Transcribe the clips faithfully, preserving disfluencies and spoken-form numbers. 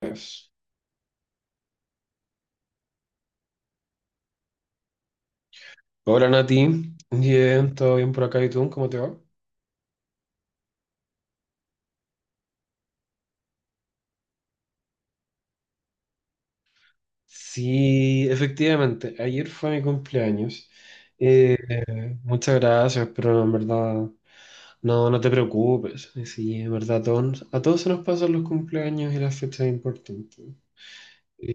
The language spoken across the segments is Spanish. Pues, hola Nati, bien, todo bien por acá y tú, ¿cómo te va? Sí, efectivamente, ayer fue mi cumpleaños. Eh, Muchas gracias, pero en verdad, no, no te preocupes. Sí, en verdad, a todos, a todos se nos pasan los cumpleaños y las fechas importantes. Eh,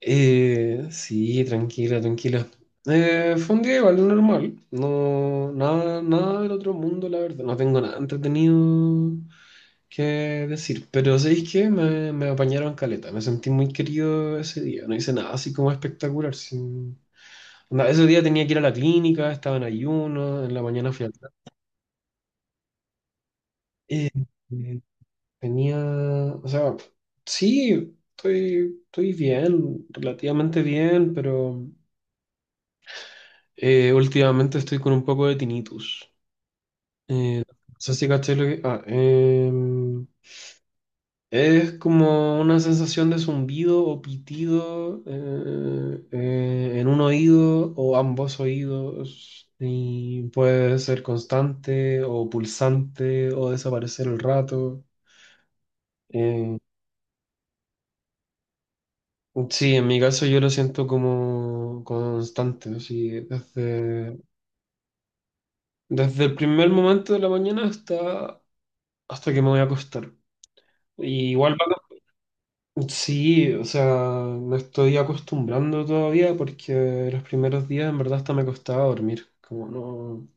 eh, sí, tranquila, tranquila. Eh, fue un día igual normal, no, nada, nada del otro mundo, la verdad. No tengo nada entretenido qué decir. Pero ¿sabéis qué? Me, me apañaron caleta. Me sentí muy querido ese día. No hice nada así como espectacular. sin- Onda, ese día tenía que ir a la clínica, estaba en ayuno, en la mañana fui al... Eh, eh, Tenía... O sea, sí, estoy, estoy bien, relativamente bien, pero eh, últimamente estoy con un poco de tinnitus. Eh, no sé si caché lo que... Ah, eh, Es como una sensación de zumbido o pitido eh, eh, en un oído o ambos oídos y puede ser constante o pulsante o desaparecer el rato. Eh, sí, en mi caso yo lo siento como constante, así, desde, desde el primer momento de la mañana hasta, hasta que me voy a acostar. Y igual va. Sí, o sea, me estoy acostumbrando todavía porque los primeros días en verdad hasta me costaba dormir, como no,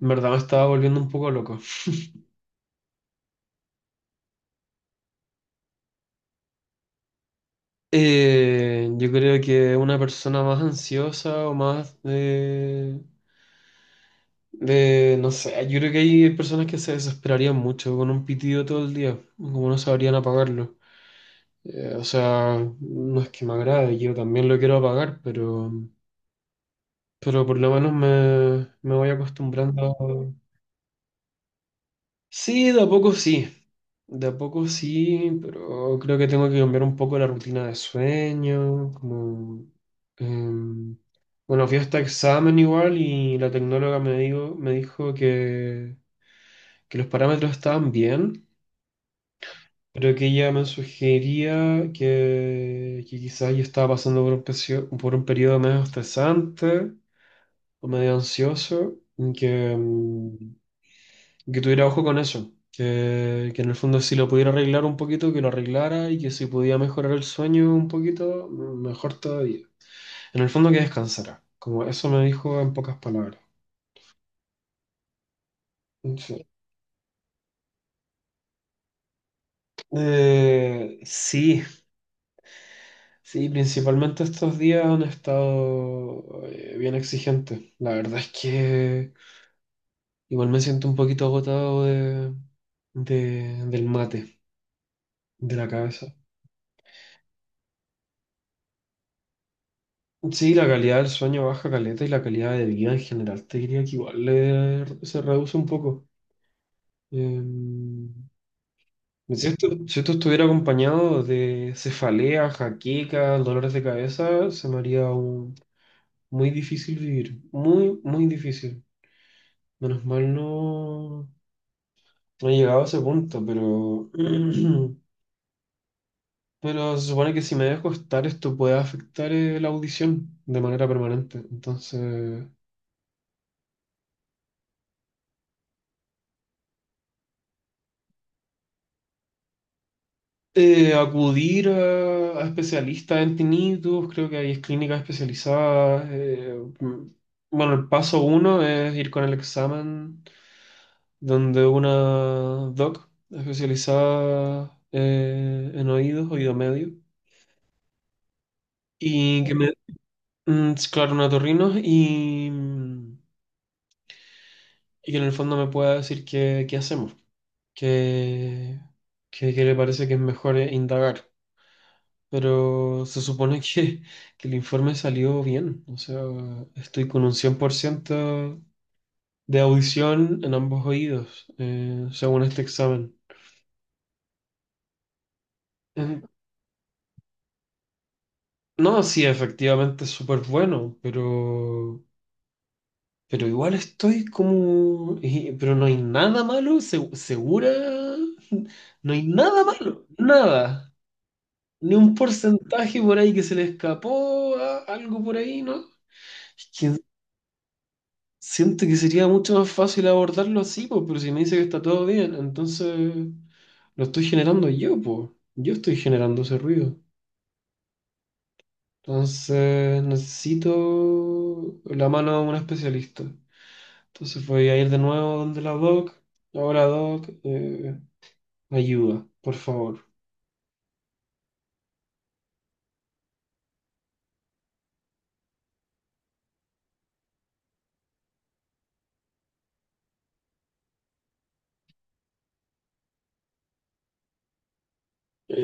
en verdad me estaba volviendo un poco loco. Eh, yo creo que una persona más ansiosa o más de, de, no sé, yo creo que hay personas que se desesperarían mucho con un pitido todo el día, como no sabrían apagarlo. Eh, o sea, no es que me agrade, yo también lo quiero apagar, pero, pero por lo menos me, me voy acostumbrando. Sí, de a poco sí, de a poco sí, pero creo que tengo que cambiar un poco la rutina de sueño, como... em, bueno, fui a este examen igual y la tecnóloga me dijo, me dijo que, que los parámetros estaban bien, pero que ella me sugería que, que quizás yo estaba pasando por un, pecio- por un periodo medio estresante o medio ansioso, y que, em, que tuviera ojo con eso, que, que en el fondo si lo pudiera arreglar un poquito, que lo arreglara y que si podía mejorar el sueño un poquito, mejor todavía. En el fondo que descansara, como eso me dijo en pocas palabras. Sí, Eh, sí, sí, principalmente estos días han estado eh, bien exigentes. La verdad es que igual me siento un poquito agotado de, de- del mate, de la cabeza. Sí, la calidad del sueño baja caleta y la calidad de vida en general te diría que igual le- se reduce un poco. Eh, si esto, si esto estuviera acompañado de cefalea, jaqueca, dolores de cabeza, se me haría un- muy difícil vivir. Muy, muy difícil. Menos mal no, no he llegado a ese punto, pero, pero se supone que si me dejo estar esto puede afectar eh, la audición de manera permanente. Entonces... Eh, acudir a, a especialistas en tinnitus, creo que hay clínicas especializadas. Eh, mm, bueno, el paso uno es ir con el examen donde una doc especializada eh, en oídos, oído medio, y que me, mm, es claro, una otorrino, y, mm, y que en el fondo me pueda decir qué, qué hacemos, qué, qué, qué le parece que es mejor eh, indagar. Pero se supone que, que el informe salió bien. O sea, estoy con un cien por ciento de audición en ambos oídos, eh, según este examen. En- no, sí, efectivamente es súper bueno, pero, pero igual estoy como... y- pero no hay nada malo, se- segura. No hay nada malo, nada. Ni un porcentaje por ahí que se le escapó, a- algo por ahí, ¿no? Es que siento que sería mucho más fácil abordarlo así, pues, pero si me dice que está todo bien, entonces lo estoy generando yo, pues. Yo estoy generando ese ruido. Entonces necesito la mano de un especialista. Entonces voy a ir de nuevo donde la doc. Ahora, doc, eh, ayuda, por favor.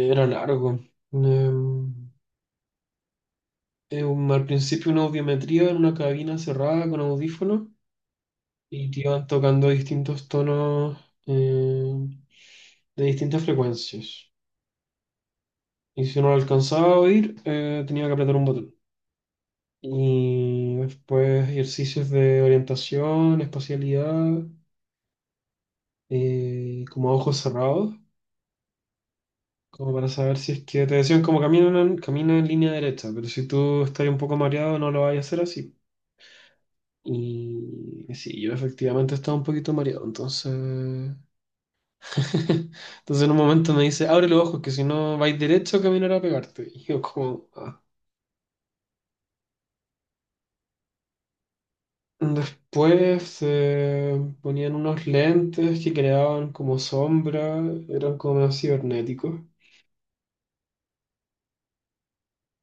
Era largo. Em, eh, un- Al principio una audiometría en una cabina cerrada con audífonos y te iban tocando distintos tonos. eh, de distintas frecuencias. Y si no lo alcanzaba a oír, eh, tenía que apretar un botón. Y después ejercicios de orientación, espacialidad, eh, como a ojos cerrados, como para saber si es que te decían como camina en, camina en línea derecha, pero si tú estás un poco mareado no lo vayas a hacer así. Y sí, yo efectivamente estaba un poquito mareado, entonces... entonces en un momento me dice, abre los ojos, que si no vais derecho caminará a pegarte. Y yo como... "Ah". Después se ponían unos lentes que creaban como sombra, eran como medio cibernéticos.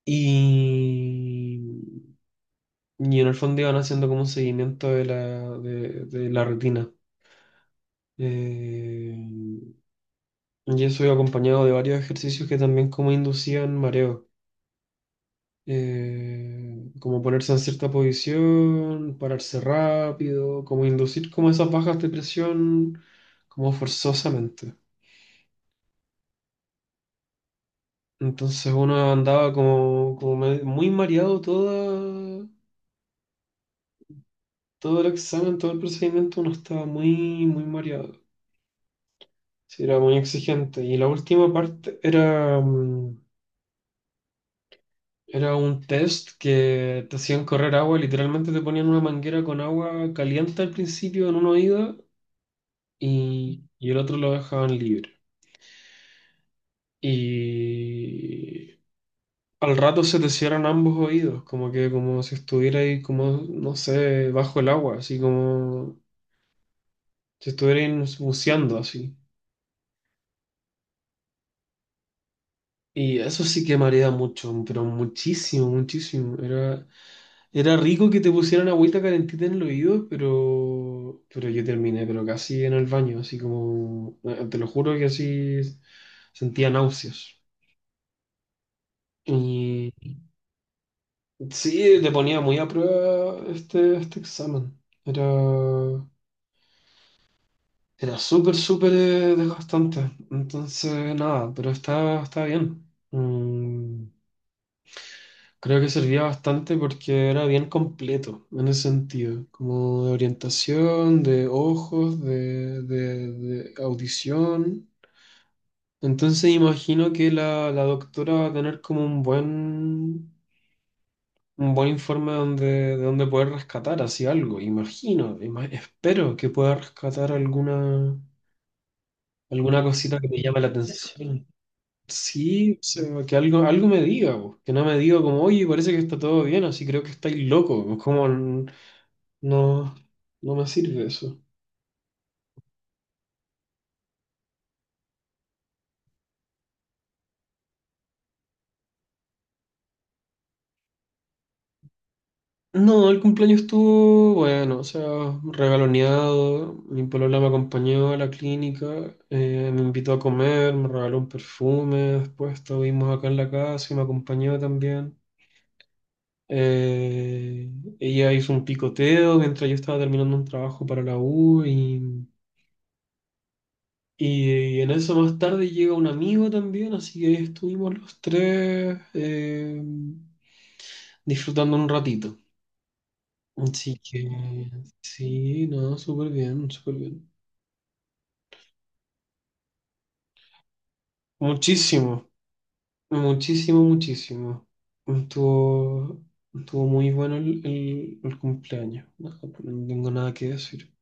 Y, y en el fondo iban haciendo como un seguimiento de la, de, de la retina. Eh, y eso iba acompañado de varios ejercicios que también como inducían mareo. Eh, como ponerse en cierta posición, pararse rápido, como inducir como esas bajas de presión como forzosamente. Entonces uno andaba como, como me- muy mareado toda, todo el examen, todo el procedimiento, uno estaba muy, muy mareado. Sí, era muy exigente. Y la última parte era, mm, era un test que te hacían correr agua, literalmente te ponían una manguera con agua caliente al principio en una oída y, y el otro lo dejaban libre. Y al rato se te cierran ambos oídos, como que como si estuviera ahí como, no sé, bajo el agua, así como si estuvieran buceando así. Y eso sí que marea mucho, pero muchísimo, muchísimo. Era, era rico que te pusieran agüita calentita en el oído, pero, pero yo terminé, pero casi en el baño, así como, eh, te lo juro que así sentía náuseas. Y sí, te ponía muy a prueba este, este examen. Era, era súper, súper eh, desgastante. Entonces, nada, pero está, está bien. Mm, Creo que servía bastante porque era bien completo en ese sentido, como de orientación, de ojos, de, de- de audición. Entonces imagino que la, la doctora va a tener como un buen, un buen informe donde, de donde poder rescatar así algo. Imagino, ima- espero que pueda rescatar alguna, alguna cosita que me llame la atención. Sí, o sea, que algo, algo me diga, po, que no me diga como, oye, parece que está todo bien, así creo que estáis loco, como n- no, no me sirve eso. No, el cumpleaños estuvo bueno, o sea, regaloneado, mi polola me acompañó a la clínica, eh, me invitó a comer, me regaló un perfume, después estuvimos acá en la casa y me acompañó también. Eh, Ella hizo un picoteo mientras yo estaba terminando un trabajo para la U y Y, en eso más tarde llega un amigo también, así que ahí estuvimos los tres eh, disfrutando un ratito. Así que sí, no, súper bien, súper bien. Muchísimo, muchísimo, muchísimo. Estuvo, estuvo muy bueno el, el- el cumpleaños. No, no tengo nada que decir.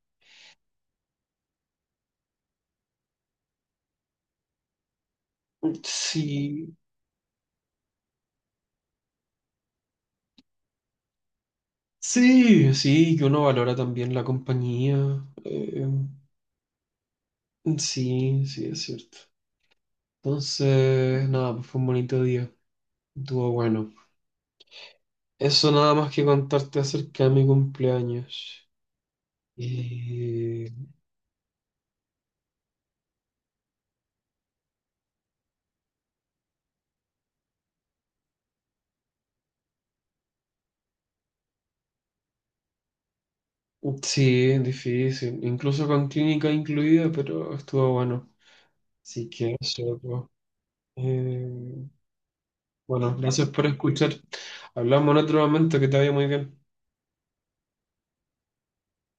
Sí, sí, sí, que uno valora también la compañía. Eh, sí, sí, es cierto. Entonces, nada, pues fue un bonito día. Estuvo bueno. Eso nada más que contarte acerca de mi cumpleaños. Y... Sí, es difícil. Incluso con clínica incluida, pero estuvo bueno. Así que eso, pues. Eh, bueno, gracias por escuchar. Hablamos en otro momento, que te vaya muy bien.